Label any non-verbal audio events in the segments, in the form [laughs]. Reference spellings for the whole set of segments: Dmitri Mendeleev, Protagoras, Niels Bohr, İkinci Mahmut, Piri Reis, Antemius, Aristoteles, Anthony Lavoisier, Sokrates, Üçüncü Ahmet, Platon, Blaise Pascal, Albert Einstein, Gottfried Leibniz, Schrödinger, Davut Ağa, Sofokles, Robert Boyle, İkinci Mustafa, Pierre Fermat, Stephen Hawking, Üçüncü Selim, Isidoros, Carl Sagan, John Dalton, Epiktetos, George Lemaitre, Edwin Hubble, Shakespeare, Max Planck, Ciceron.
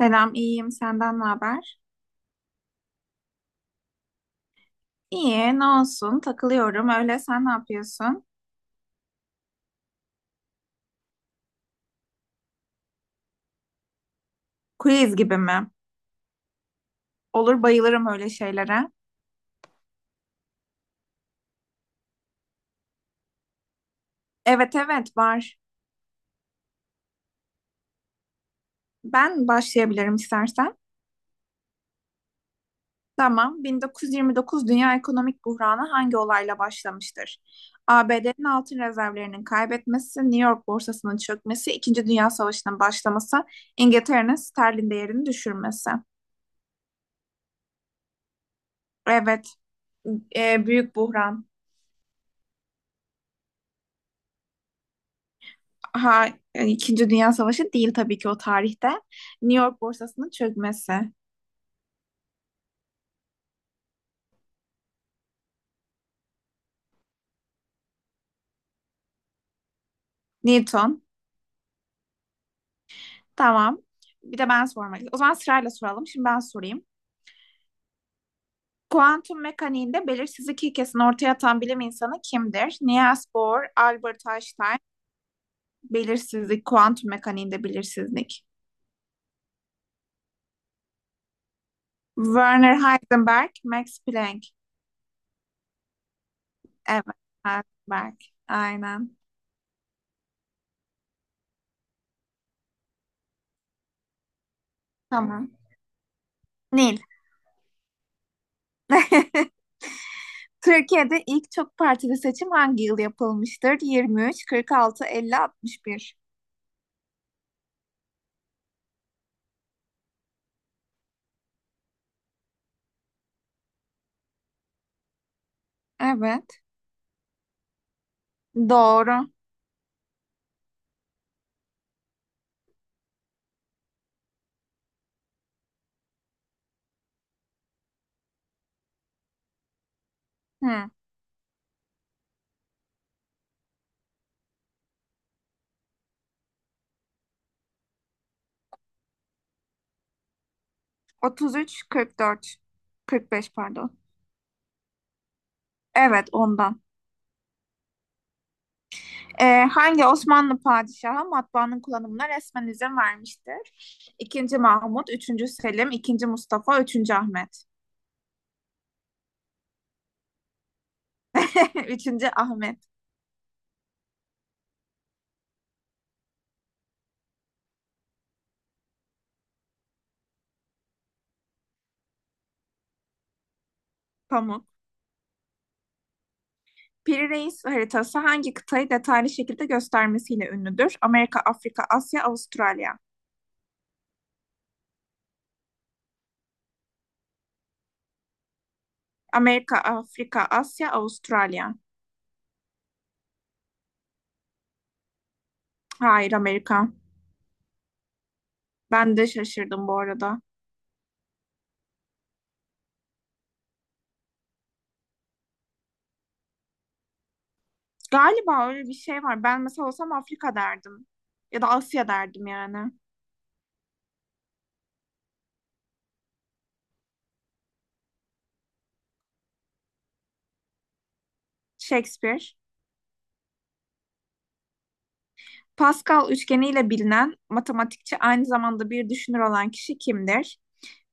Selam, iyiyim. Senden ne haber? İyi, ne olsun? Takılıyorum. Öyle sen ne yapıyorsun? Quiz gibi mi? Olur, bayılırım öyle şeylere. Evet, evet, var. Ben başlayabilirim istersen. Tamam. 1929 Dünya Ekonomik Buhranı hangi olayla başlamıştır? ABD'nin altın rezervlerinin kaybetmesi, New York borsasının çökmesi, İkinci Dünya Savaşı'nın başlaması, İngiltere'nin sterlin değerini düşürmesi. Evet, büyük buhran. Ha, yani İkinci Dünya Savaşı değil tabii ki o tarihte. New York borsasının çökmesi. Newton. Tamam. Bir de ben sormak O zaman sırayla soralım. Şimdi ben sorayım. Kuantum mekaniğinde belirsizlik ilkesini ortaya atan bilim insanı kimdir? Niels Bohr, Albert Einstein, belirsizlik, kuantum mekaniğinde belirsizlik. Werner Heisenberg, Max Planck. Evet, Heisenberg. Aynen. Tamam. Nil. [laughs] Türkiye'de ilk çok partili seçim hangi yıl yapılmıştır? 23, 46, 50, 61. Evet. Doğru. Hı. 33, 44, 45 pardon. Evet ondan. Hangi Osmanlı padişahı matbaanın kullanımına resmen izin vermiştir? İkinci Mahmut, üçüncü Selim, ikinci Mustafa, üçüncü Ahmet. [laughs] Üçüncü Ahmet. Pamuk. Piri Reis haritası hangi kıtayı detaylı şekilde göstermesiyle ünlüdür? Amerika, Afrika, Asya, Avustralya. Amerika, Afrika, Asya, Avustralya. Hayır, Amerika. Ben de şaşırdım bu arada. Galiba öyle bir şey var. Ben mesela olsam Afrika derdim. Ya da Asya derdim yani. Shakespeare. Pascal üçgeniyle bilinen matematikçi aynı zamanda bir düşünür olan kişi kimdir?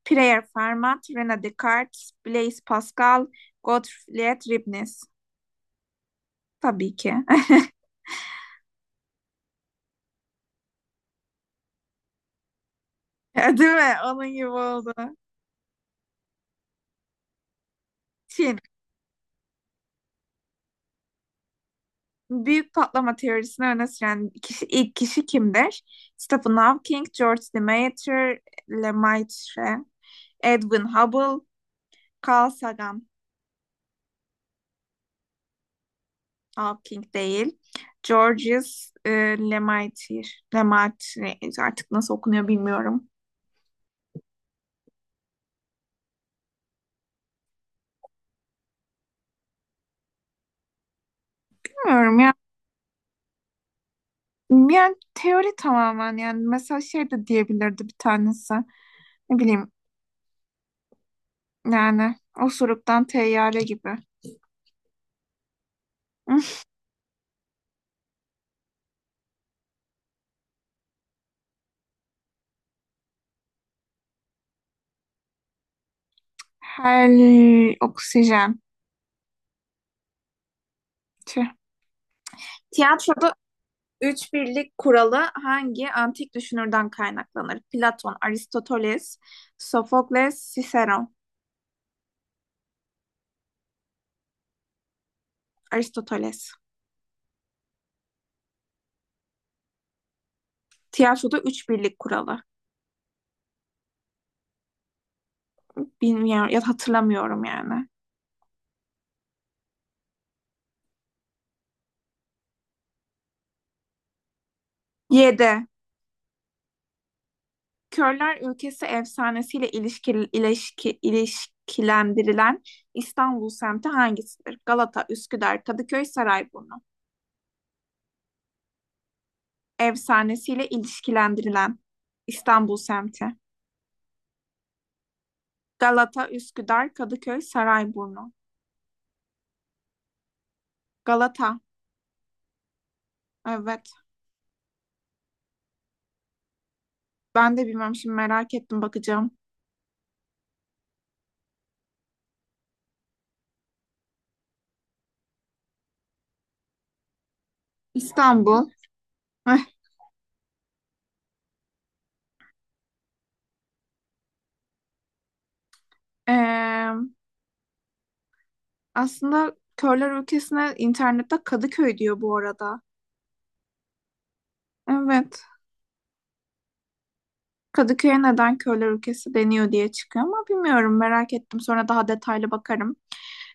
Pierre Fermat, René Descartes, Blaise Pascal, Gottfried Leibniz. Tabii ki. [laughs] Değil mi? Onun gibi oldu. Çin. Büyük patlama teorisini öne süren kişi, ilk kişi kimdir? Stephen Hawking, George Lemaitre, Lemaitre, Edwin Hubble, Carl Sagan. Hawking değil. Georges Lemaitre. Lemaitre artık nasıl okunuyor bilmiyorum. Bilmiyorum ya. Yani teori tamamen yani mesela şey de diyebilirdi bir tanesi. Ne bileyim yani osuruktan teyyare gibi. [laughs] Her oksijen. Tüh. Tiyatroda üç birlik kuralı hangi antik düşünürden kaynaklanır? Platon, Aristoteles, Sofokles, Ciceron, Aristoteles. Tiyatroda üç birlik kuralı. Bilmiyorum ya da hatırlamıyorum yani. 7. Körler Ülkesi efsanesiyle ilişkilendirilen İstanbul semti hangisidir? Galata, Üsküdar, Kadıköy, Sarayburnu. Efsanesiyle ilişkilendirilen İstanbul semti. Galata, Üsküdar, Kadıköy, Sarayburnu. Galata. Evet. Ben de bilmiyorum, şimdi merak ettim, bakacağım. İstanbul. Eh, eee, aslında körler ülkesine internette Kadıköy diyor bu arada. Evet. Kadıköy'e neden körler ülkesi deniyor diye çıkıyor ama bilmiyorum, merak ettim. Sonra daha detaylı bakarım.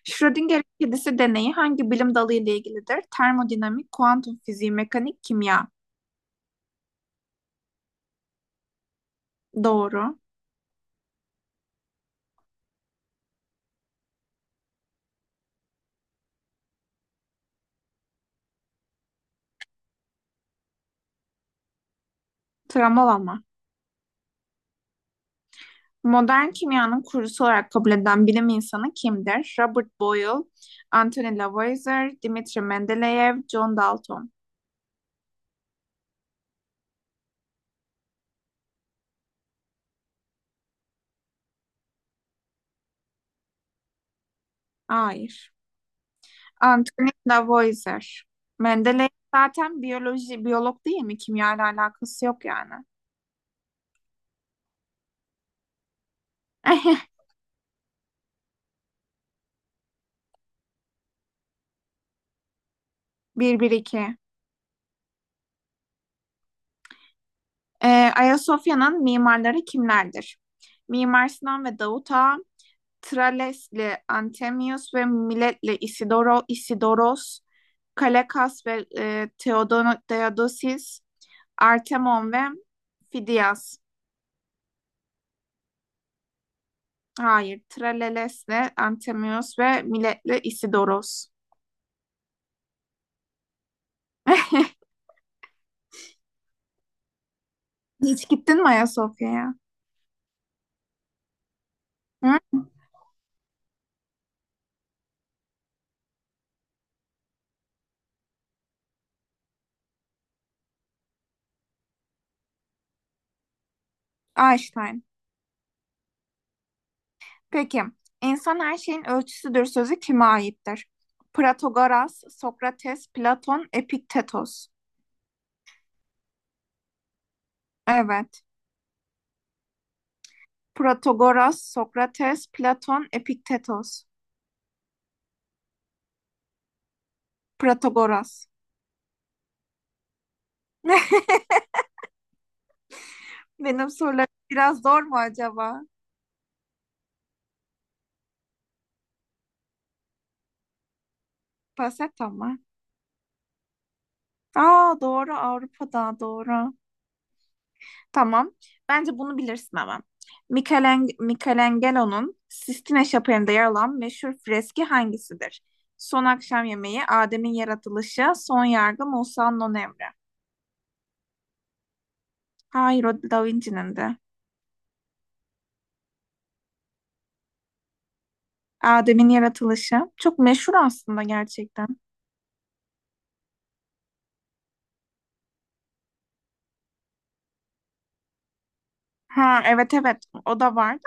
Schrödinger kedisi deneyi hangi bilim dalı ile ilgilidir? Termodinamik, kuantum fiziği, mekanik, kimya. Doğru. Travmalama. Modern kimyanın kurucusu olarak kabul edilen bilim insanı kimdir? Robert Boyle, Anthony Lavoisier, Dmitri Mendeleev, John Dalton. Hayır. Anthony Lavoisier. Mendeleev zaten biyolog değil mi? Kimya ile alakası yok yani. [laughs] Bir 1 2. Ayasofya'nın mimarları kimlerdir? Mimar Sinan ve Davut Ağa, Trales'le Antemius ve Milet'le Isidoros, Kalekas ve Theodosis, Artemon ve Fidias. Hayır, Trales'le Antemius ve Milet'le Isidoros. [laughs] Hiç gittin mi Ayasofya'ya? Hı? Einstein. Peki, insan her şeyin ölçüsüdür sözü kime aittir? Protagoras, Sokrates, Platon, Epiktetos. Evet. Protagoras, Sokrates, Platon, Epiktetos. Protagoras. [laughs] Benim sorularım biraz zor mu acaba? Paseta mı? Aa, doğru, Avrupa'da doğru. Tamam. Bence bunu bilirsin ama. Michelangelo'nun Sistine Şapeli'nde yer alan meşhur freski hangisidir? Son akşam yemeği, Adem'in yaratılışı, son yargı, Musa'nın on emri. Hayır, o Da Vinci'nin de. Adem'in yaratılışı. Çok meşhur aslında gerçekten. Ha, evet evet o da var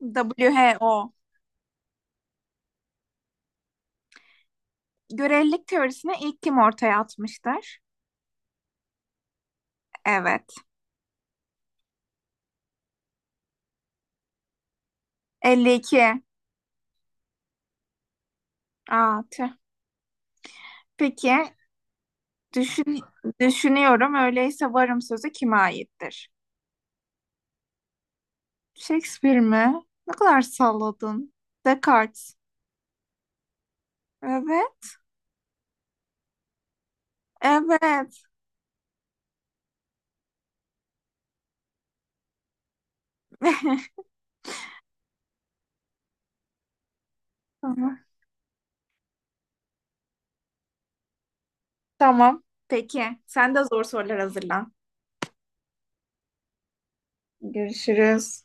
da WHO. Görelilik teorisini ilk kim ortaya atmıştır? Evet. 52. Aa, tüh. Peki düşün, düşünüyorum öyleyse varım sözü kime aittir? Shakespeare mi? Ne kadar salladın. Descartes. Evet. Evet. [laughs] Tamam. Tamam. Peki sen de zor sorular hazırlan. Görüşürüz.